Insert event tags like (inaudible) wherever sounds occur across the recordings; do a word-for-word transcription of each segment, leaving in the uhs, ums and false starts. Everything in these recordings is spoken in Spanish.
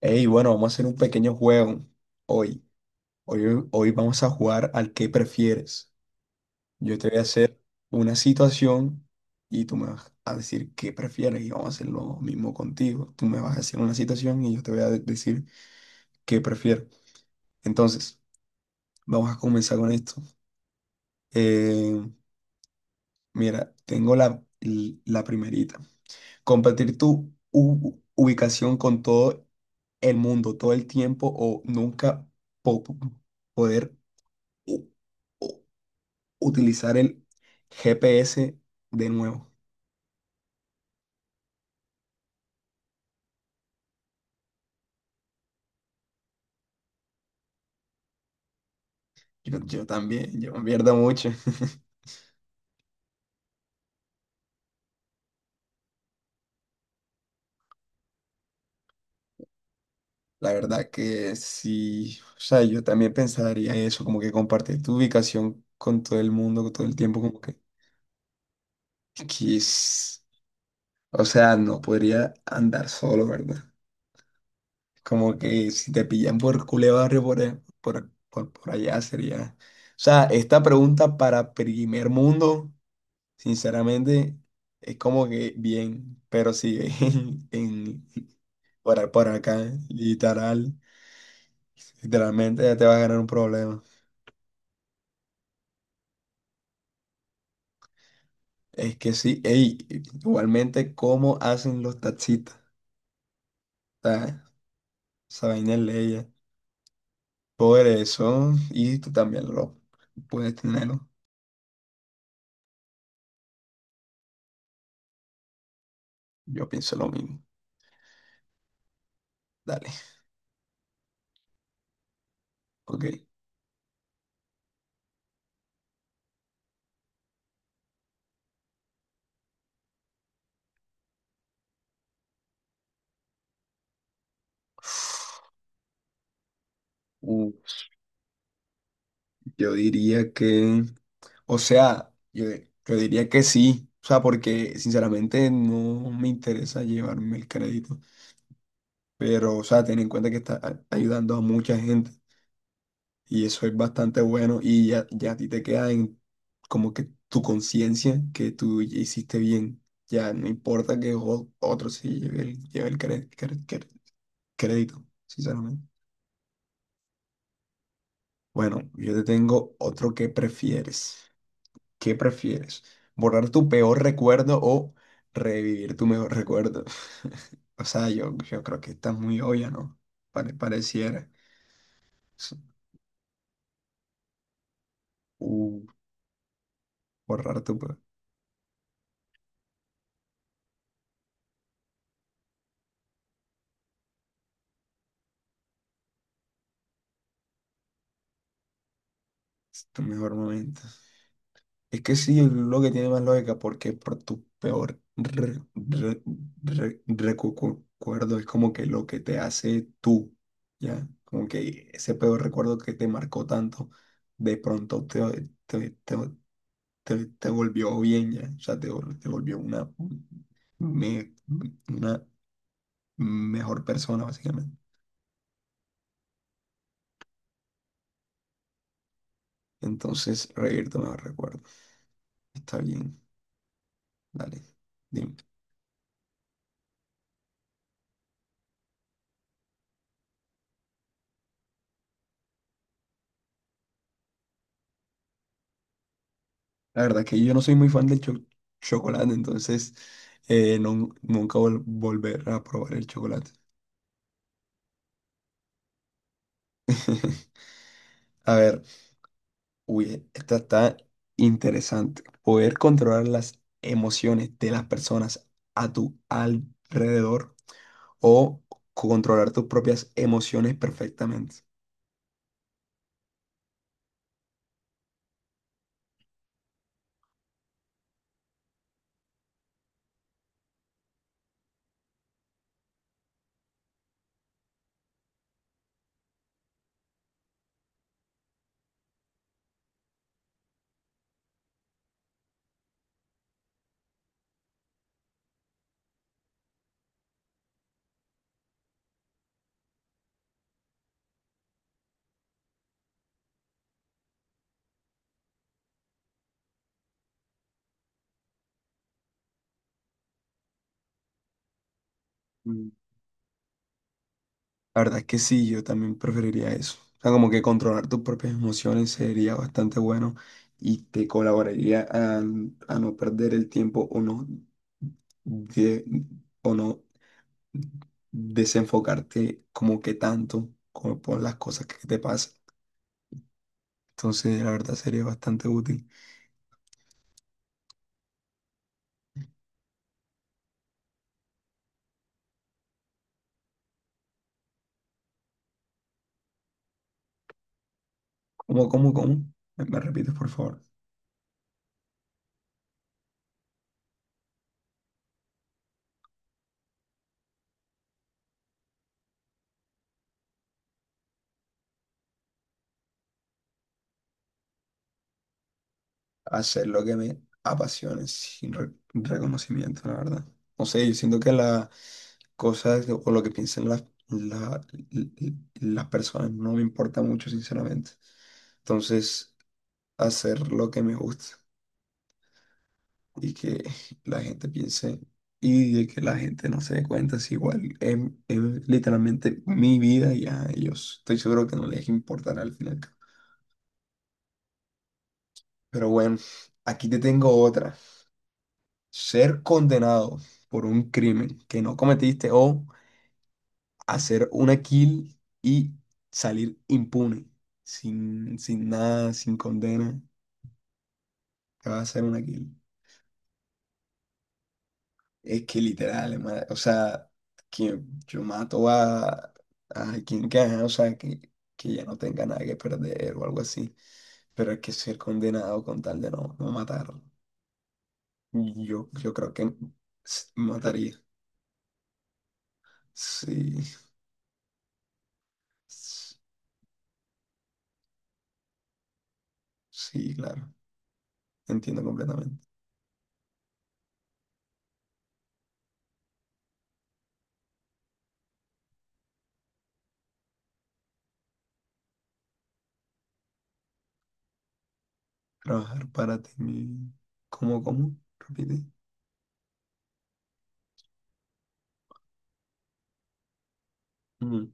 Hey, bueno, vamos a hacer un pequeño juego hoy. Hoy, hoy vamos a jugar al que prefieres. Yo te voy a hacer una situación y tú me vas a decir qué prefieres y vamos a hacer lo mismo contigo. Tú me vas a hacer una situación y yo te voy a de- decir qué prefiero. Entonces, vamos a comenzar con esto. Eh, mira, tengo la, l- la primerita. Compartir tu u- ubicación con todo el mundo todo el tiempo o nunca po- poder u- u- utilizar el G P S de nuevo. Yo, yo también, yo me pierdo mucho. (laughs) La verdad que sí, o sea, yo también pensaría eso, como que compartir tu ubicación con todo el mundo, con todo el tiempo, como que, que es- o sea, no podría andar solo, ¿verdad? Como que si te pillan por culé barrio por, ahí- por, por, por allá sería... O sea, esta pregunta para primer mundo. Sinceramente, es como que bien, pero sí, (laughs) en, en- por, a- por acá, literal, literalmente ya te vas a ganar un problema. Es que sí, ey, igualmente, ¿cómo hacen los taxistas? O sea, esa vaina es ley ya. Por eso, y tú también lo puedes tenerlo. Yo pienso lo mismo. Dale, ok. Yo diría que, o sea, yo, yo diría que sí, o sea, porque sinceramente no me interesa llevarme el crédito, pero, o sea, ten en cuenta que está a- ayudando a mucha gente y eso es bastante bueno y ya, ya a ti te queda en como que tu conciencia que tú ya hiciste bien, ya no importa que o- otro se lleve el, lleve el cre- cre- cre- crédito, sinceramente. Bueno, yo te tengo otro que prefieres. ¿Qué prefieres? ¿Borrar tu peor recuerdo o revivir tu mejor recuerdo? (laughs) O sea, yo, yo creo que está muy obvia, ¿no? Pare- pareciera. S- Uh, borrar tu, pe- tu mejor momento. Es que sí, es lo que tiene más lógica, porque por tu peor re- re- re- recu- cu- recuerdo es como que lo que te hace tú, ¿ya? Como que ese peor recuerdo que te marcó tanto, de pronto te, te, te volvió bien ya, o sea, te, vol- te volvió una, me- una mejor persona, básicamente. Entonces, reírte me recuerdo. Está bien, dale, dime. La verdad es que yo no soy muy fan del cho- chocolate, entonces eh, nun- nunca vol- volver a probar el chocolate. (laughs) A ver, uy, eh, esta está interesante. Poder controlar las emociones de las personas a tu alrededor o controlar tus propias emociones perfectamente. Mm. La verdad es que sí, yo también preferiría eso. O sea, como que controlar tus propias emociones sería bastante bueno y te colaboraría a, a no perder el tiempo o no, de- o no desenfocarte como que tanto como por las cosas que te pasan. Entonces, la verdad sería bastante útil. ¿Cómo, cómo, cómo? ¿Me, me repites, por favor? Hacer lo que me apasione sin re- reconocimiento, la verdad. No sé, yo siento que las cosas o lo que piensan las, la- l- l- las personas no me importa mucho, sinceramente. Entonces, hacer lo que me gusta y que (laughs) la gente piense y de que la gente no se dé cuenta, es igual, es, es literalmente mi vida y a ellos. Estoy seguro que no les importará al final. Pero bueno, aquí te tengo otra. Ser condenado por un crimen que no cometiste o hacer una kill y salir impune, sin, sin nada, sin condena, te vas a hacer una kill. Es que literal, hermano, o sea, que yo mato a, a quien gana, o sea, que, que ya no tenga nada que perder o algo así, pero es que ser condenado con tal de no, no matar, yo, yo creo que s- mataría, sí, s- sí, claro. Entiendo completamente. Trabajar para ti. mi- ¿Cómo, cómo? Repite. Mm,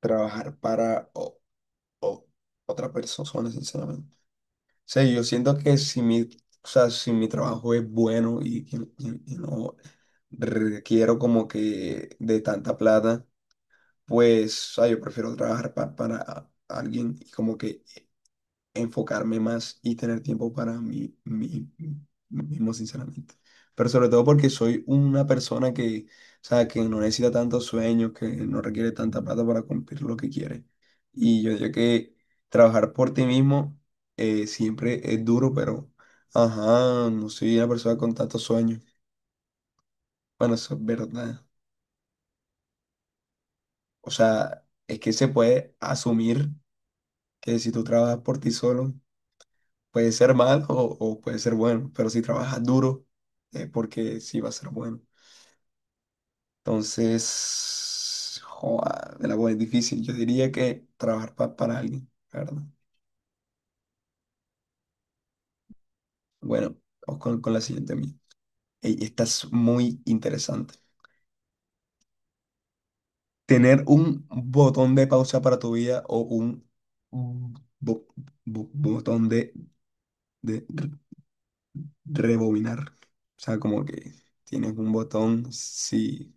trabajar para o- o- otra persona, sinceramente. O sea, yo siento que si mi, o sea, si mi trabajo es bueno y, y- y- y no requiero como que de tanta plata, pues, o sea, yo prefiero trabajar pa- para alguien y como que enfocarme más y tener tiempo para mí, mí- mí mismo, sinceramente. Pero sobre todo porque soy una persona que, o sea, que no necesita tantos sueños, que no requiere tanta plata para cumplir lo que quiere. Y yo digo que trabajar por ti mismo eh, siempre es duro, pero, ajá, no soy una persona con tantos sueños. Bueno, eso es verdad. O sea, es que se puede asumir que si tú trabajas por ti solo, puede ser malo o, o puede ser bueno, pero si trabajas duro, eh, porque sí va a ser bueno. Entonces, joa, el agua es difícil. Yo diría que trabajar pa- para alguien, la ¿verdad? Bueno, vamos con, con la siguiente mía. Ey, esta es muy interesante. Tener un botón de pausa para tu vida o un bo- bo- botón de, de re- rebobinar. O sea, como que tienes un botón, sí.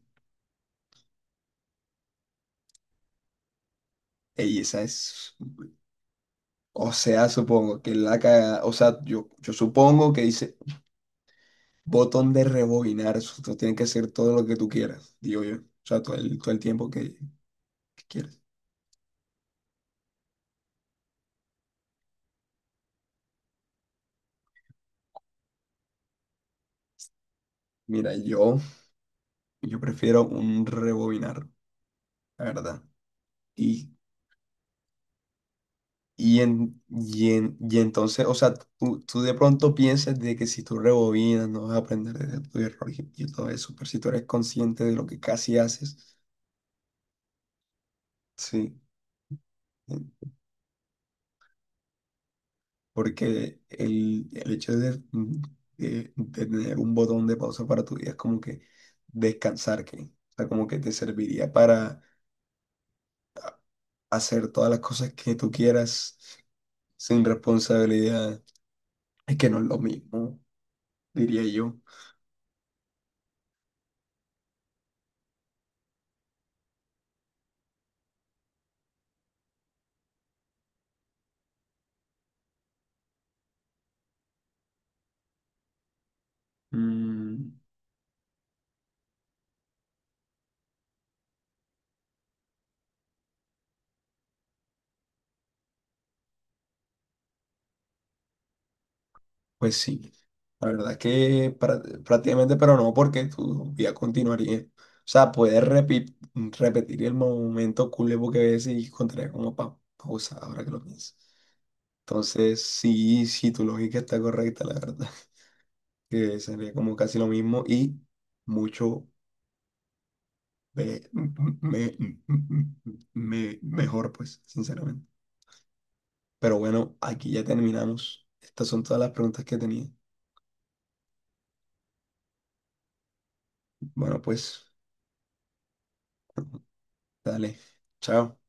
Ey, esa es. O sea, supongo que la caga, o sea, yo, yo supongo que dice botón de rebobinar, eso tú tienes que hacer todo lo que tú quieras, digo yo, o sea, todo el, todo el tiempo que, que quieras. Mira, yo, yo prefiero un rebobinar, la verdad. Y, y, en, y, en- y entonces, o sea, tú, tú de pronto piensas de que si tú rebobinas no vas a aprender de tu error y y todo eso, pero si tú eres consciente de lo que casi haces, sí. Porque el, el hecho de, de- de tener un botón de pausa para tu vida es como que descansar, que, o sea, como que te serviría para hacer todas las cosas que tú quieras sin responsabilidad. Es que no es lo mismo, diría yo. Mm, pues sí, la verdad que prá- prácticamente, pero no, porque tu vida continuaría. O sea, puedes repi- repetir el momento culebo que ves y encontrar como pa pausa ahora que lo pienso. Entonces, sí, sí, tu lógica está correcta, la verdad. (laughs) Que sería como casi lo mismo y mucho me- me- me- mejor, pues, sinceramente. Pero bueno, aquí ya terminamos. Estas son todas las preguntas que tenía. Bueno, pues, dale. Chao.